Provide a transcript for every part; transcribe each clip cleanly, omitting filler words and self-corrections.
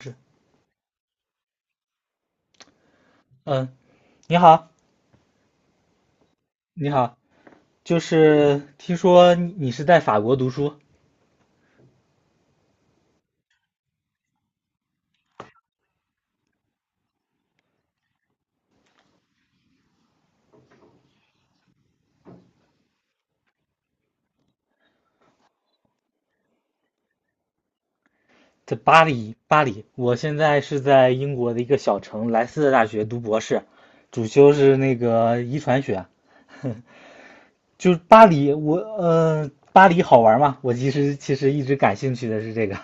是，嗯，你好，你好，就是听说你是在法国读书，在巴黎，巴黎。我现在是在英国的一个小城莱斯特大学读博士，主修是那个遗传学。就是巴黎，巴黎好玩吗？我其实一直感兴趣的是这个。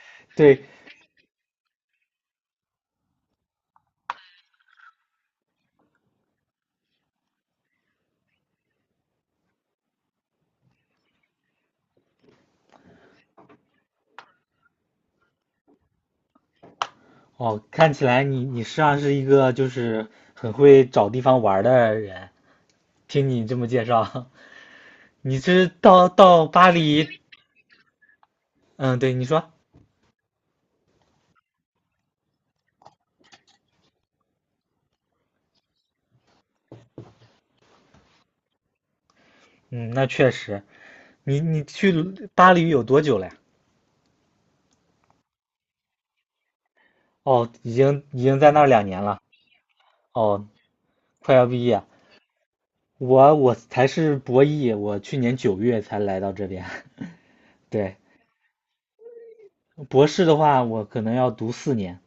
对，哦，看起来你实际上是一个就是很会找地方玩的人。听你这么介绍，你是到巴黎，嗯，对，你说。嗯，那确实，你去巴黎有多久了呀？哦，已经在那儿2年了。哦，快要毕业。我才是博一，我去年九月才来到这边。对，博士的话，我可能要读四年，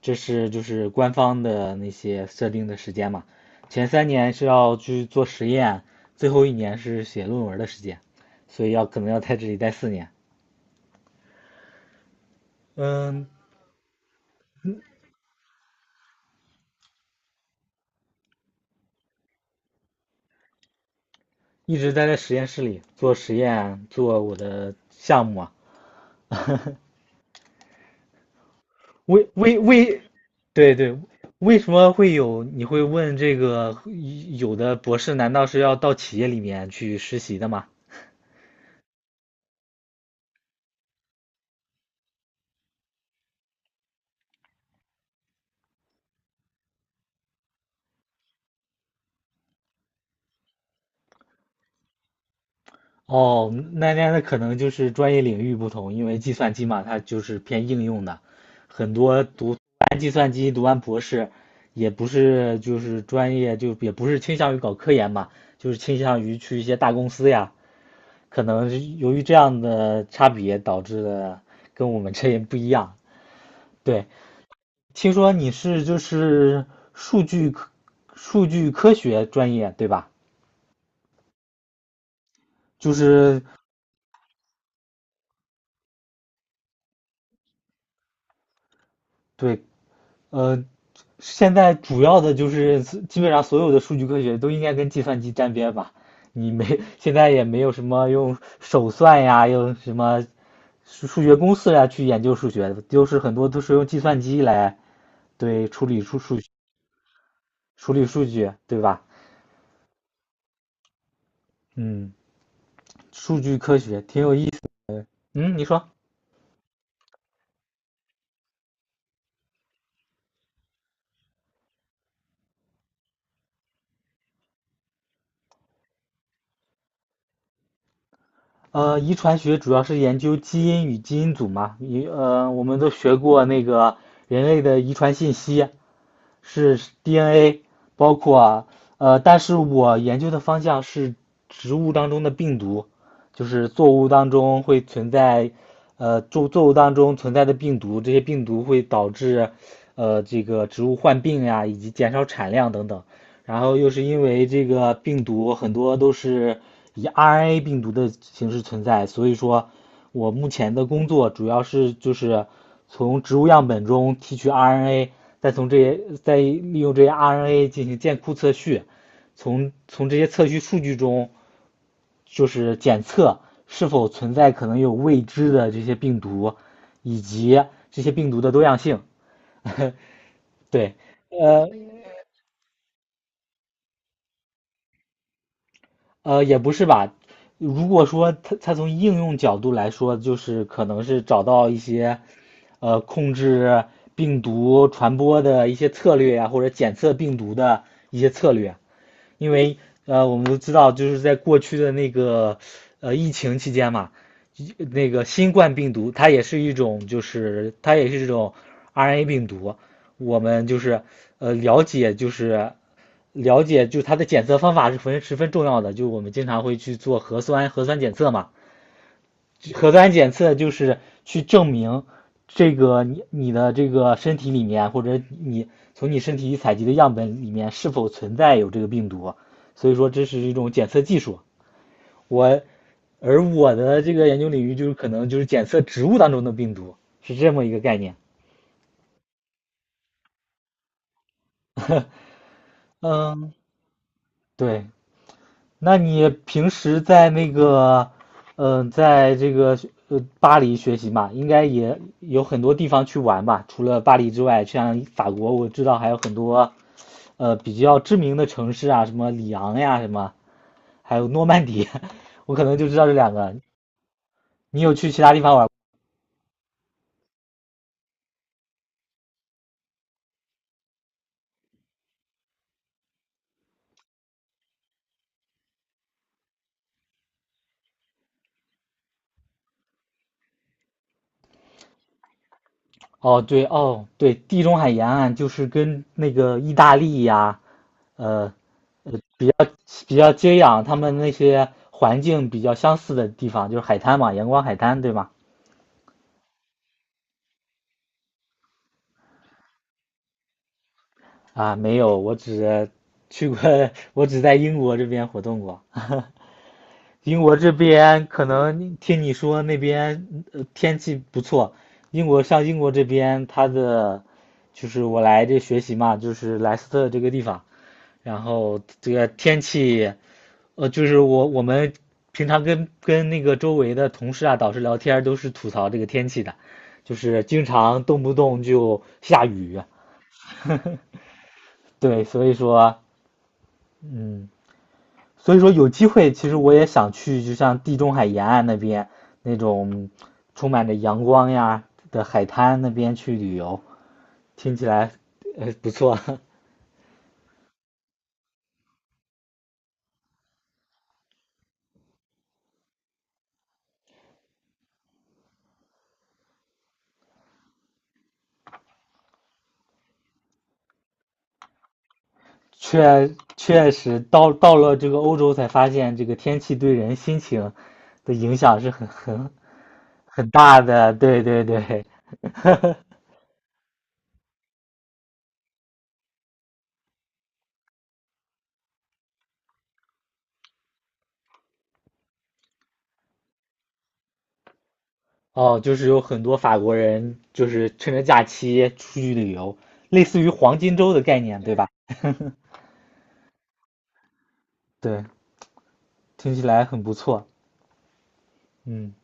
这是就是官方的那些设定的时间嘛。前3年是要去做实验，最后一年是写论文的时间，所以要可能要在这里待四年。嗯，一直待在实验室里做实验，做我的项目啊。为为为，对对，为什么会有？你会问这个？有的博士难道是要到企业里面去实习的吗？哦，那可能就是专业领域不同，因为计算机嘛，它就是偏应用的，很多读完计算机读完博士，也不是就是专业就也不是倾向于搞科研嘛，就是倾向于去一些大公司呀。可能是由于这样的差别导致的跟我们这也不一样，对。听说你是就是数据科数据科学专业对吧？就是对，呃，现在主要的就是基本上所有的数据科学都应该跟计算机沾边吧？你没现在也没有什么用手算呀，用什么数学公式呀去研究数学的，就是很多都是用计算机来对处理数数处理数据对吧？嗯，数据科学挺有意思。嗯，你说。遗传学主要是研究基因与基因组嘛，我们都学过那个人类的遗传信息是 DNA，包括但是我研究的方向是植物当中的病毒，就是作物当中会存在，作物当中存在的病毒，这些病毒会导致这个植物患病呀，以及减少产量等等，然后又是因为这个病毒很多都是以 RNA 病毒的形式存在，所以说我目前的工作主要是就是从植物样本中提取 RNA，再利用这些 RNA 进行建库测序，从这些测序数据中就是检测是否存在可能有未知的这些病毒，以及这些病毒的多样性。对，呃。也不是吧。如果说它从应用角度来说，就是可能是找到一些，控制病毒传播的一些策略呀、或者检测病毒的一些策略。因为我们都知道，就是在过去的那个疫情期间嘛，那个新冠病毒它也是一种，就是它也是这种 RNA 病毒。我们就是了解，就是了解，就它的检测方法是十分十分重要的。就我们经常会去做核酸检测嘛，核酸检测就是去证明这个你的这个身体里面，或者你从你身体采集的样本里面是否存在有这个病毒，所以说这是一种检测技术。我而我的这个研究领域就是可能就是检测植物当中的病毒，是这么一个概念。嗯，对，那你平时在那个，在这个巴黎学习嘛，应该也有很多地方去玩吧？除了巴黎之外，像法国，我知道还有很多比较知名的城市啊，什么里昂呀，什么还有诺曼底，我可能就知道这两个。你有去其他地方玩？哦，对，哦，对，地中海沿岸就是跟那个意大利呀，呃呃比较比较接壤他们那些环境比较相似的地方，就是海滩嘛，阳光海滩，对吗？啊，没有，我只 去过，我只在英国这边活动过。英国这边可能听你说那边天气不错，英国像英国这边它的就是我来这学习嘛，就是莱斯特这个地方，然后这个天气就是我们平常跟那个周围的同事啊、导师聊天儿都是吐槽这个天气的，就是经常动不动就下雨。对，所以说，嗯，所以说有机会，其实我也想去，就像地中海沿岸那边那种充满着阳光呀的海滩那边去旅游，听起来不错。确确实到了这个欧洲才发现，这个天气对人心情的影响是很很很大的。对对对，哦，就是有很多法国人就是趁着假期出去旅游，类似于黄金周的概念，对吧？对，听起来很不错。嗯，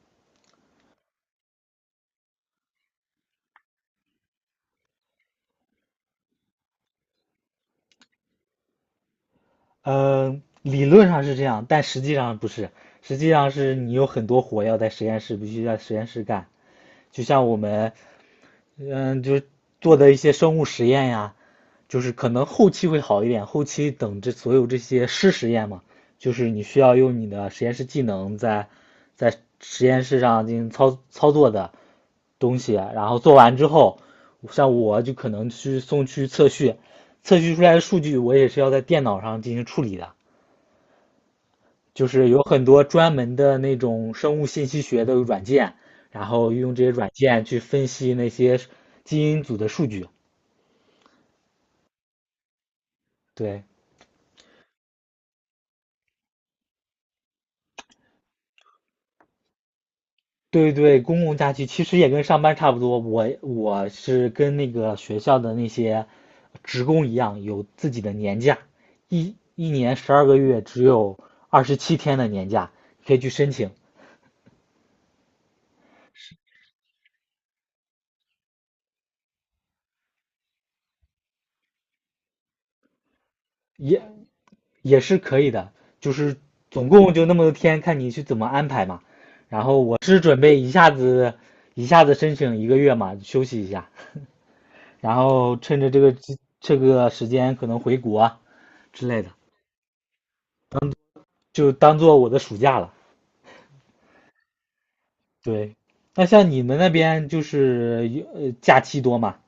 理论上是这样，但实际上不是，实际上是你有很多活要在实验室必须在实验室干，就像我们就是做的一些生物实验呀，就是可能后期会好一点。后期等这所有这些湿实验嘛，就是你需要用你的实验室技能在在实验室上进行操作的东西，然后做完之后，像我就可能去送去测序，测序出来的数据我也是要在电脑上进行处理的，就是有很多专门的那种生物信息学的软件，然后用这些软件去分析那些基因组的数据。对对对，公共假期其实也跟上班差不多。我是跟那个学校的那些职工一样，有自己的年假，一年12个月只有27天的年假，可以去申请，也也是可以的。就是总共就那么多天，看你去怎么安排嘛。然后我是准备一下子申请1个月嘛，休息一下，然后趁着这个时间可能回国之类的，就当做我的暑假了。对，那像你们那边就是有假期多嘛？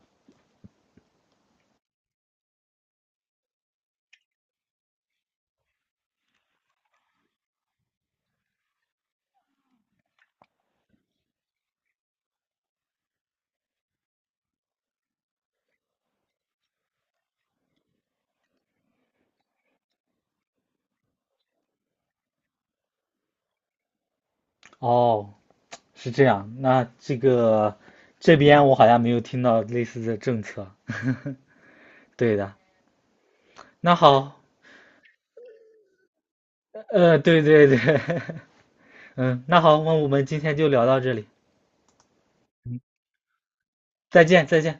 哦，是这样。那这个这边我好像没有听到类似的政策。对的，那好，对对对，嗯，那好，那我们今天就聊到这里，再见再见。